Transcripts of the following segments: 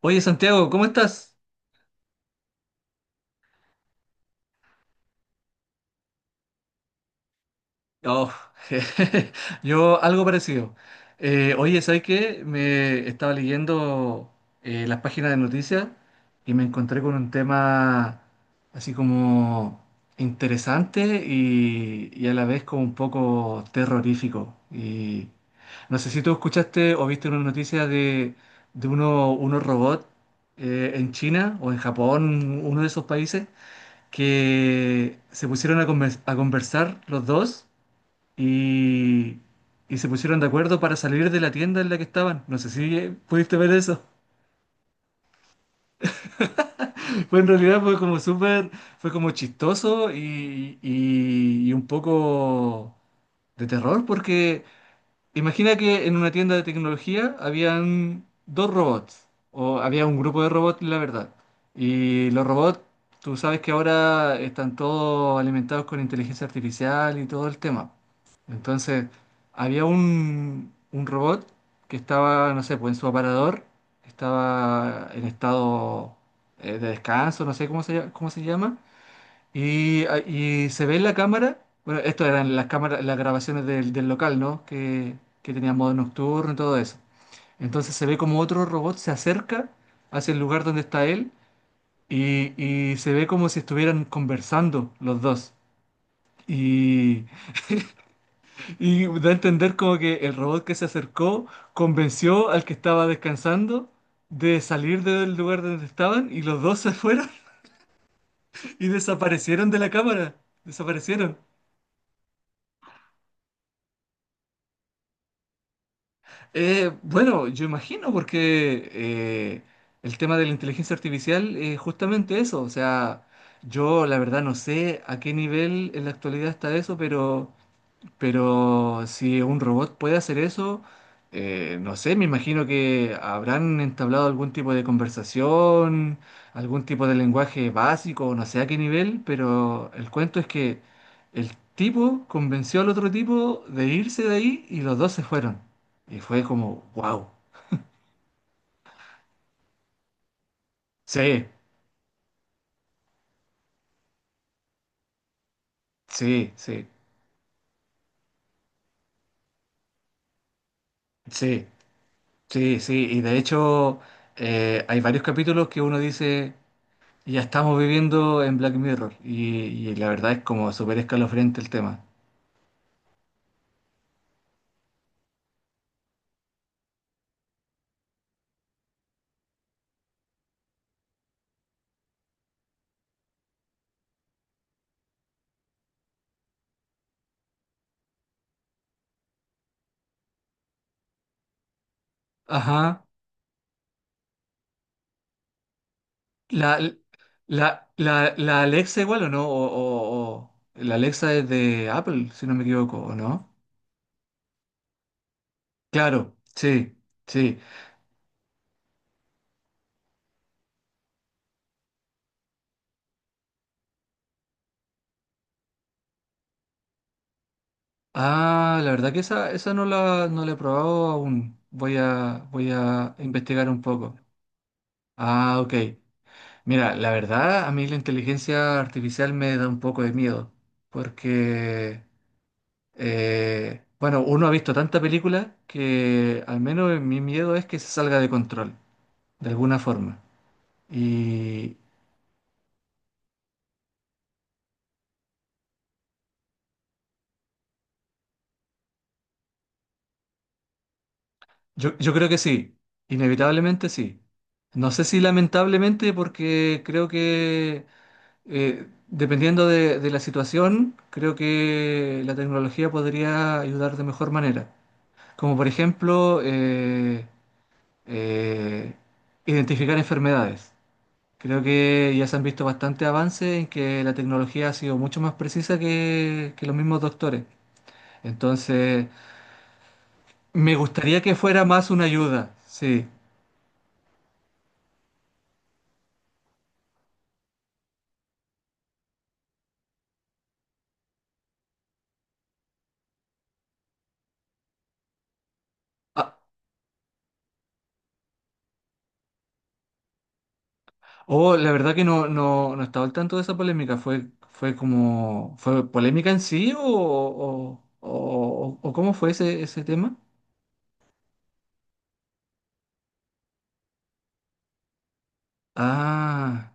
Oye, Santiago, ¿cómo estás? Oh, yo algo parecido. Oye, ¿sabes qué? Me estaba leyendo las páginas de noticias y me encontré con un tema así como interesante y a la vez como un poco terrorífico. Y no sé si tú escuchaste o viste una noticia de unos robots en China o en Japón, uno de esos países que se pusieron a conversar los dos y, y se pusieron de acuerdo para salir de la tienda en la que estaban. No sé si pudiste ver eso. Fue en realidad fue como súper, fue como chistoso y un poco de terror porque imagina que en una tienda de tecnología habían dos robots, o había un grupo de robots, la verdad. Y los robots, tú sabes que ahora están todos alimentados con inteligencia artificial y todo el tema. Entonces, había un robot que estaba, no sé, pues en su aparador, estaba en estado de descanso, no sé cómo cómo se llama, y se ve en la cámara, bueno, esto eran las cámaras, las grabaciones del local, ¿no? Que tenía modo nocturno y todo eso. Entonces se ve como otro robot se acerca hacia el lugar donde está él y se ve como si estuvieran conversando los dos. Y, y da a entender como que el robot que se acercó convenció al que estaba descansando de salir del lugar donde estaban y los dos se fueron y desaparecieron de la cámara. Desaparecieron. Bueno, yo imagino porque el tema de la inteligencia artificial es justamente eso. O sea, yo la verdad no sé a qué nivel en la actualidad está eso, pero si un robot puede hacer eso, no sé, me imagino que habrán entablado algún tipo de conversación, algún tipo de lenguaje básico, no sé a qué nivel, pero el cuento es que el tipo convenció al otro tipo de irse de ahí y los dos se fueron. Y fue como, wow. Sí, sí, sí, sí, sí, sí. Y de hecho, hay varios capítulos que uno dice. Ya estamos viviendo en Black Mirror y la verdad es como súper escalofriante el tema. Ajá. ¿La, la Alexa igual o no? La Alexa es de Apple, si no me equivoco, ¿o no? Claro, sí, sí. Ah, la verdad que esa no la he probado aún. Voy a investigar un poco. Ah, ok. Mira, la verdad, a mí la inteligencia artificial me da un poco de miedo porque... Bueno, uno ha visto tanta película que al menos mi miedo es que se salga de control, de alguna forma. Y yo creo que sí, inevitablemente sí. No sé si lamentablemente porque creo que dependiendo de la situación, creo que la tecnología podría ayudar de mejor manera. Como por ejemplo, eh, identificar enfermedades. Creo que ya se han visto bastantes avances en que la tecnología ha sido mucho más precisa que los mismos doctores. Entonces, me gustaría que fuera más una ayuda, sí. Ah, oh, la verdad que no, no, no estaba al tanto de esa polémica. Fue como, fue polémica en sí o cómo fue ese, ese tema? Ah,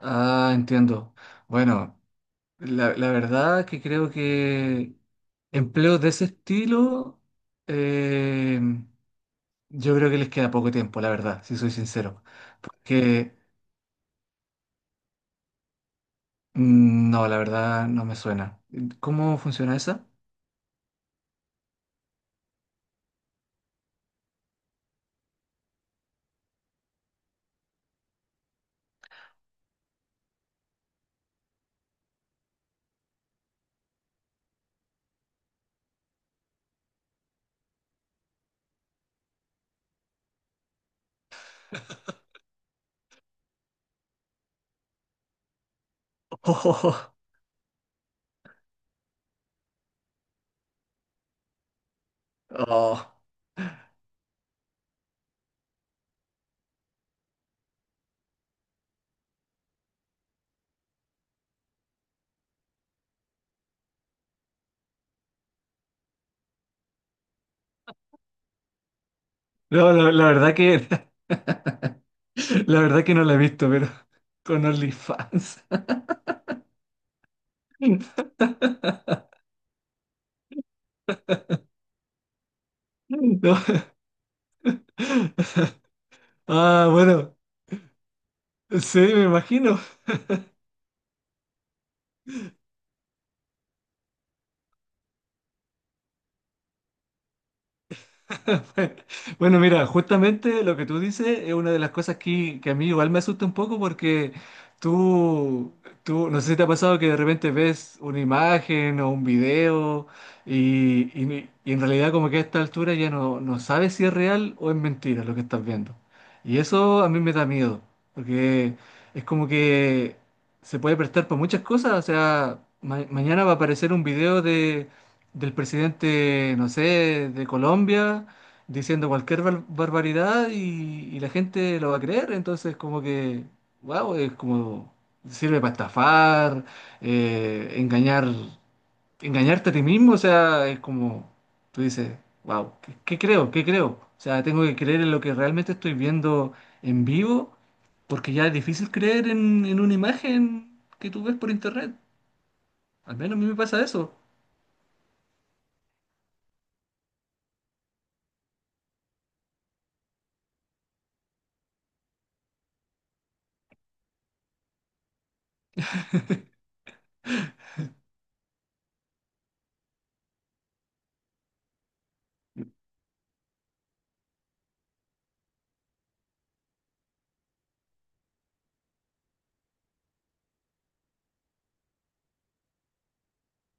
ah, entiendo. Bueno, la verdad que creo que empleos de ese estilo... em, Yo creo que les queda poco tiempo, la verdad, si soy sincero. Porque no, la verdad no me suena. ¿Cómo funciona esa? Oh, oh. No, la verdad que la verdad que no la he visto, pero con OnlyFans. No. Ah, bueno, sí, me imagino. Bueno, mira, justamente lo que tú dices es una de las cosas que a mí igual me asusta un poco porque tú, tú, no sé si te ha pasado que de repente ves una imagen o un video y, y y en realidad como que a esta altura ya no sabes si es real o es mentira lo que estás viendo. Y eso a mí me da miedo, porque es como que se puede prestar para muchas cosas, o sea, mañana va a aparecer un video de del presidente, no sé, de Colombia diciendo cualquier barbaridad y la gente lo va a creer. Entonces, como que, wow, es como, sirve para estafar, engañar, engañarte a ti mismo. O sea, es como, tú dices, wow, ¿qué, qué creo? ¿Qué creo? O sea, tengo que creer en lo que realmente estoy viendo en vivo, porque ya es difícil creer en una imagen que tú ves por internet. Al menos a mí me pasa eso.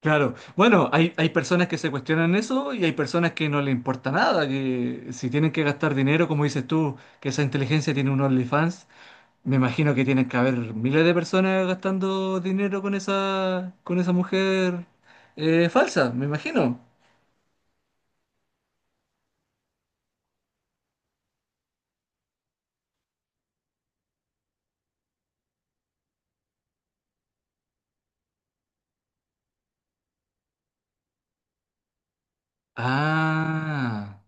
Claro, bueno, hay personas que se cuestionan eso y hay personas que no le importa nada, que si tienen que gastar dinero, como dices tú, que esa inteligencia tiene un OnlyFans, me imagino que tienen que haber miles de personas gastando dinero con esa mujer falsa, me imagino. Ah,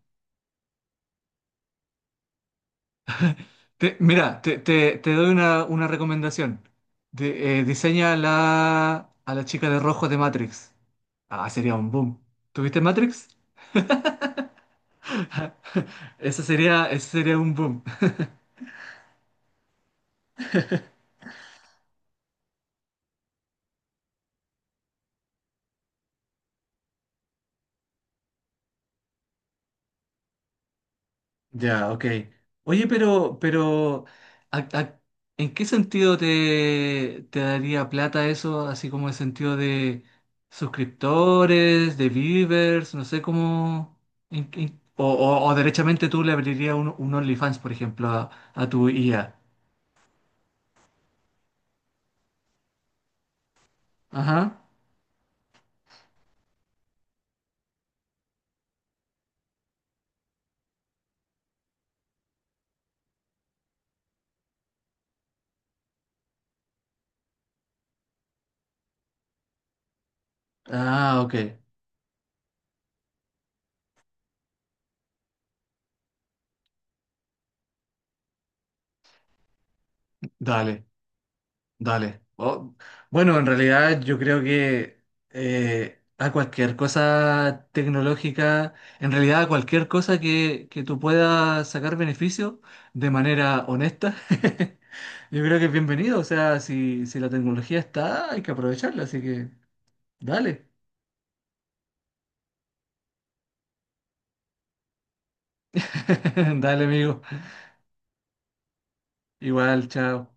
mira, te doy una recomendación. Diseña a la chica de rojo de Matrix. Ah, sería un boom. ¿Tuviste Matrix? Ese sería un boom. Ya, ok. Oye, pero, ¿a- a- ¿en qué sentido te, te daría plata eso? Así como en sentido de suscriptores, de viewers, no sé cómo. O, o derechamente tú le abrirías un OnlyFans, por ejemplo, a tu IA. Ajá. Ah, ok. Dale. Dale. Oh, Bueno, en realidad yo creo que a cualquier cosa tecnológica, en realidad a cualquier cosa que tú puedas sacar beneficio de manera honesta, yo creo que es bienvenido. O sea, si la tecnología está, hay que aprovecharla. Así que dale. Dale, amigo. Igual, chao.